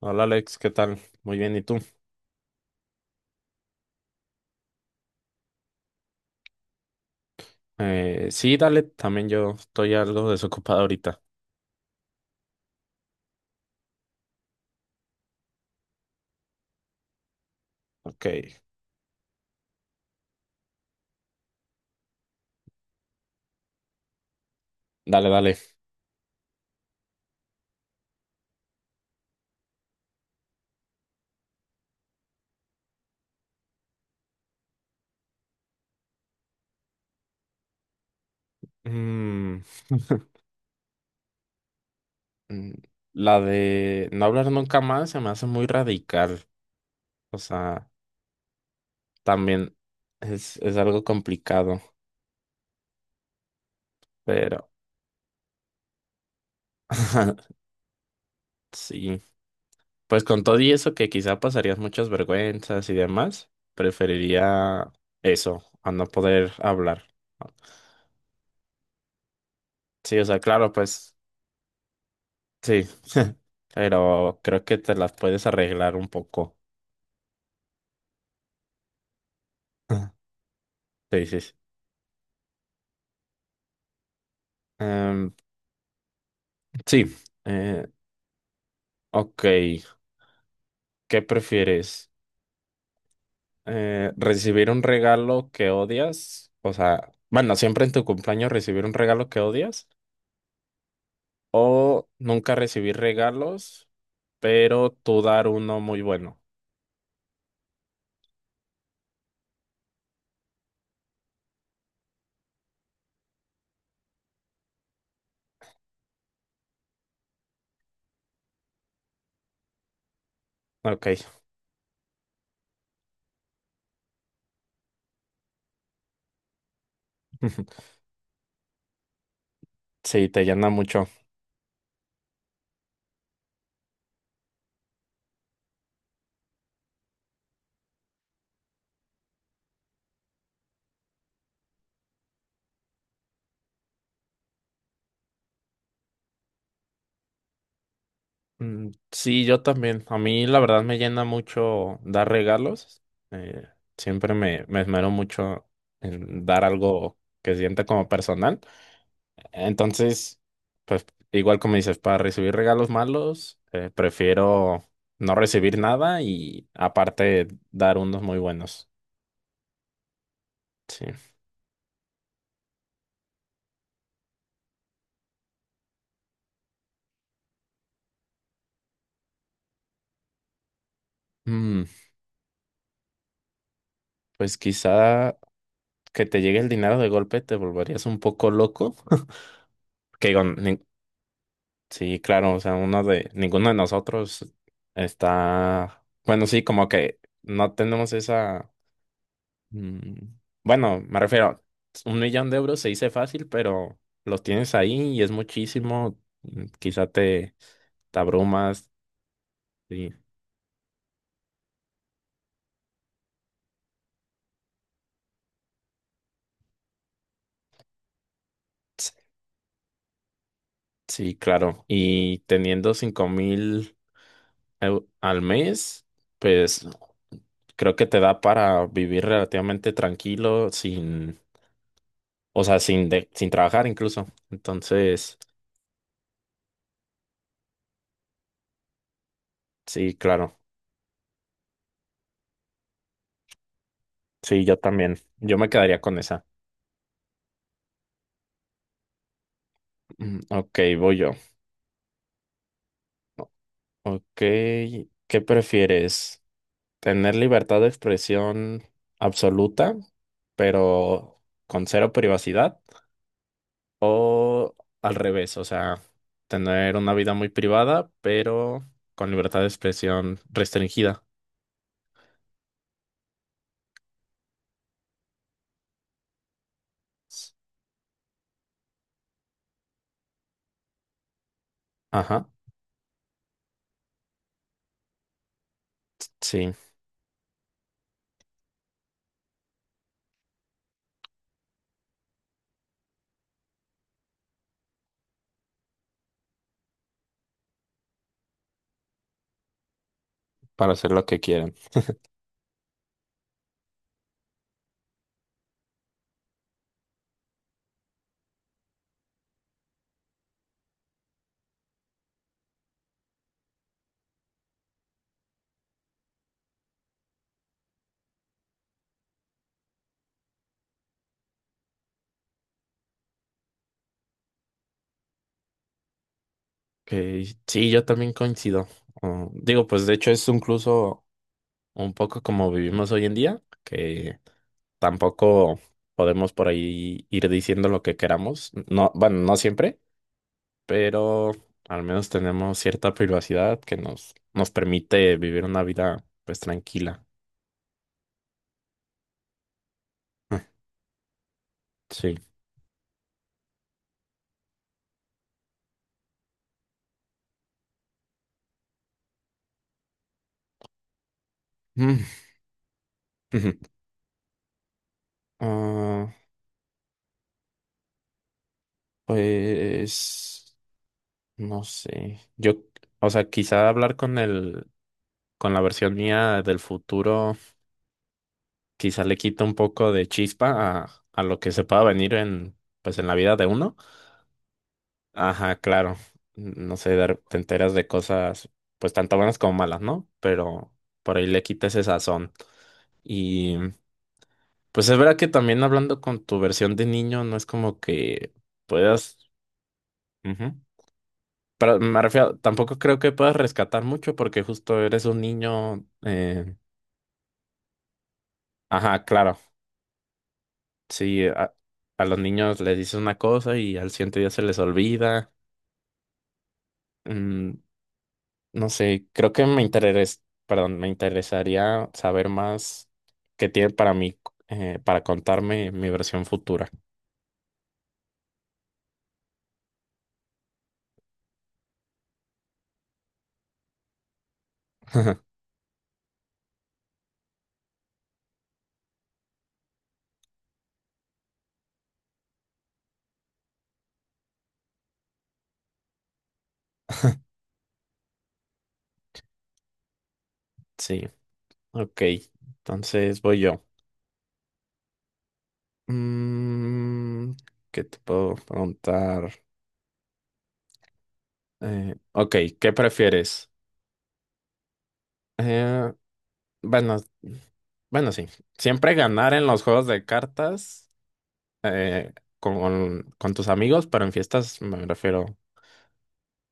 Hola Alex, ¿qué tal? Muy bien, ¿y tú? Sí, dale, también yo estoy algo desocupado ahorita. Ok, dale, dale. Mm, mm, la de no hablar nunca más se me hace muy radical. O sea, también es algo complicado, pero sí. Pues con todo y eso que quizá pasarías muchas vergüenzas y demás, preferiría eso, a no poder hablar. ¿No? Sí, o sea, claro, pues. Sí, pero creo que te las puedes arreglar un poco. Sí, sí, sí. Em, sí, eh, ok. ¿Qué prefieres? ¿Recibir un regalo que odias? O sea, bueno, siempre en tu cumpleaños recibir un regalo que odias o nunca recibir regalos, pero tú dar uno muy bueno. Ok, sí, te llena mucho. Sí, yo también. A mí la verdad me llena mucho dar regalos. Eh, Siempre me esmero mucho en dar algo que sienta como personal. Entonces, pues igual como dices, para recibir regalos malos, prefiero no recibir nada y aparte dar unos muy buenos. Sí. Mm, pues quizá que te llegue el dinero de golpe te volverías un poco loco. Que digo, nin- Sí, claro, o sea, ninguno de nosotros está, bueno, sí, como que no tenemos mm, bueno, me refiero, un millón de euros se dice fácil, pero los tienes ahí y es muchísimo, mm, quizá te, te abrumas, sí, sí, claro, y teniendo cinco mil al mes, pues creo que te da para vivir relativamente tranquilo, sin, o sea, sin trabajar incluso, entonces... Sí, claro. Sí, yo también. Yo me quedaría con esa. Ok, voy yo. Ok, ¿qué prefieres? ¿Tener libertad de expresión absoluta, pero con cero privacidad? ¿O al revés? O sea, tener una vida muy privada, pero con libertad de expresión restringida. Ajá, sí, para hacer lo que quieran. Ok, sí, yo también coincido. Oh, digo, pues de hecho es incluso un poco como vivimos hoy en día, que tampoco podemos por ahí ir diciendo lo que queramos. No, bueno, no siempre, pero al menos tenemos cierta privacidad que nos permite vivir una vida pues tranquila. Ah, sí. Mm, Ujú. Ah, pues no sé. Yo, o sea, quizá hablar con con la versión mía del futuro. Quizá le quita un poco de chispa a lo que se pueda venir en, pues, en la vida de uno. Ajá, claro. No sé, te enteras de cosas, pues, tanto buenas como malas, ¿no? Pero por ahí le quita ese sazón. Y, pues, es verdad que también hablando con tu versión de niño, no es como que puedas... Ujú. Pero me refiero, tampoco creo que puedas rescatar mucho porque justo eres un niño... Ajá, claro. Sí, a los niños les dices una cosa y al siguiente día se les olvida. Mm, no sé, creo que perdón, me interesaría saber más qué tiene para mí, para contarme mi versión futura. Sí, ok. Entonces voy yo. Mm, ¿Qué te puedo preguntar? Ok, ¿qué prefieres? Eh, bueno, bueno, sí. Siempre ganar en los juegos de cartas eh, con tus amigos, pero en fiestas me refiero.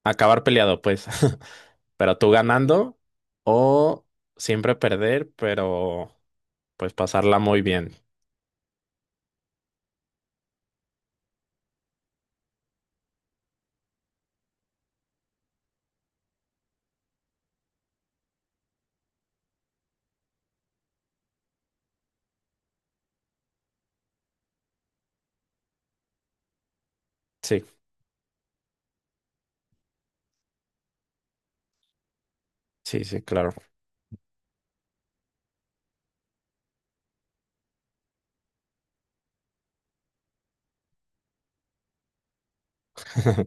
Acabar peleado, pues. Pero tú ganando o siempre perder, pero pues pasarla muy bien. Sí, sí, sí, claro.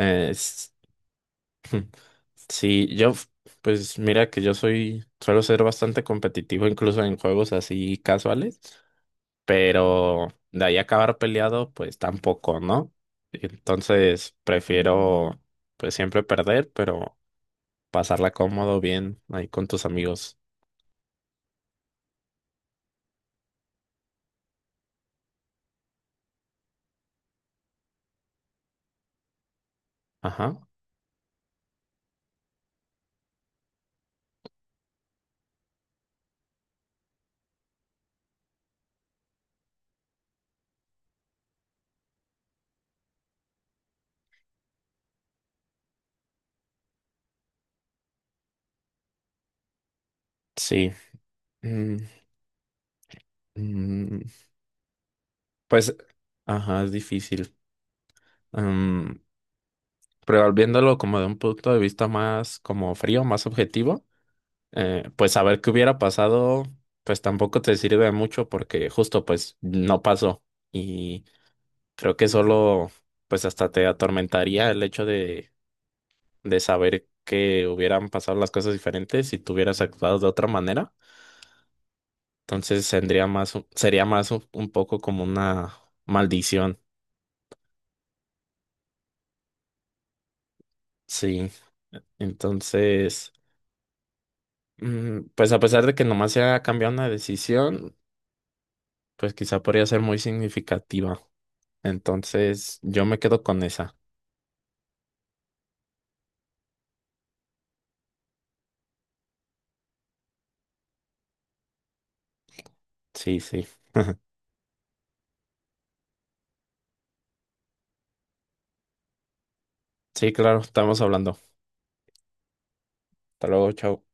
Eh, s- sí, pues mira que yo soy, suelo ser bastante competitivo incluso en juegos así casuales, pero de ahí acabar peleado, pues tampoco, ¿no? Entonces prefiero pues siempre perder, pero pasarla cómodo, bien ahí con tus amigos. Ajá. Sí. Mm, mm, pues, ajá, es difícil. Am, pero viéndolo como de un punto de vista más como frío, más objetivo, pues saber qué hubiera pasado, pues tampoco te sirve mucho porque justo pues no pasó. Y creo que solo pues hasta te atormentaría el hecho de saber que hubieran pasado las cosas diferentes si tú hubieras actuado de otra manera. Entonces tendría más, sería más un poco como una maldición. Sí. Entonces, pues a pesar de que nomás se haya cambiado una decisión, pues quizá podría ser muy significativa. Entonces, yo me quedo con esa. Sí, sí. Sí, claro, estamos hablando. Hasta luego, chao.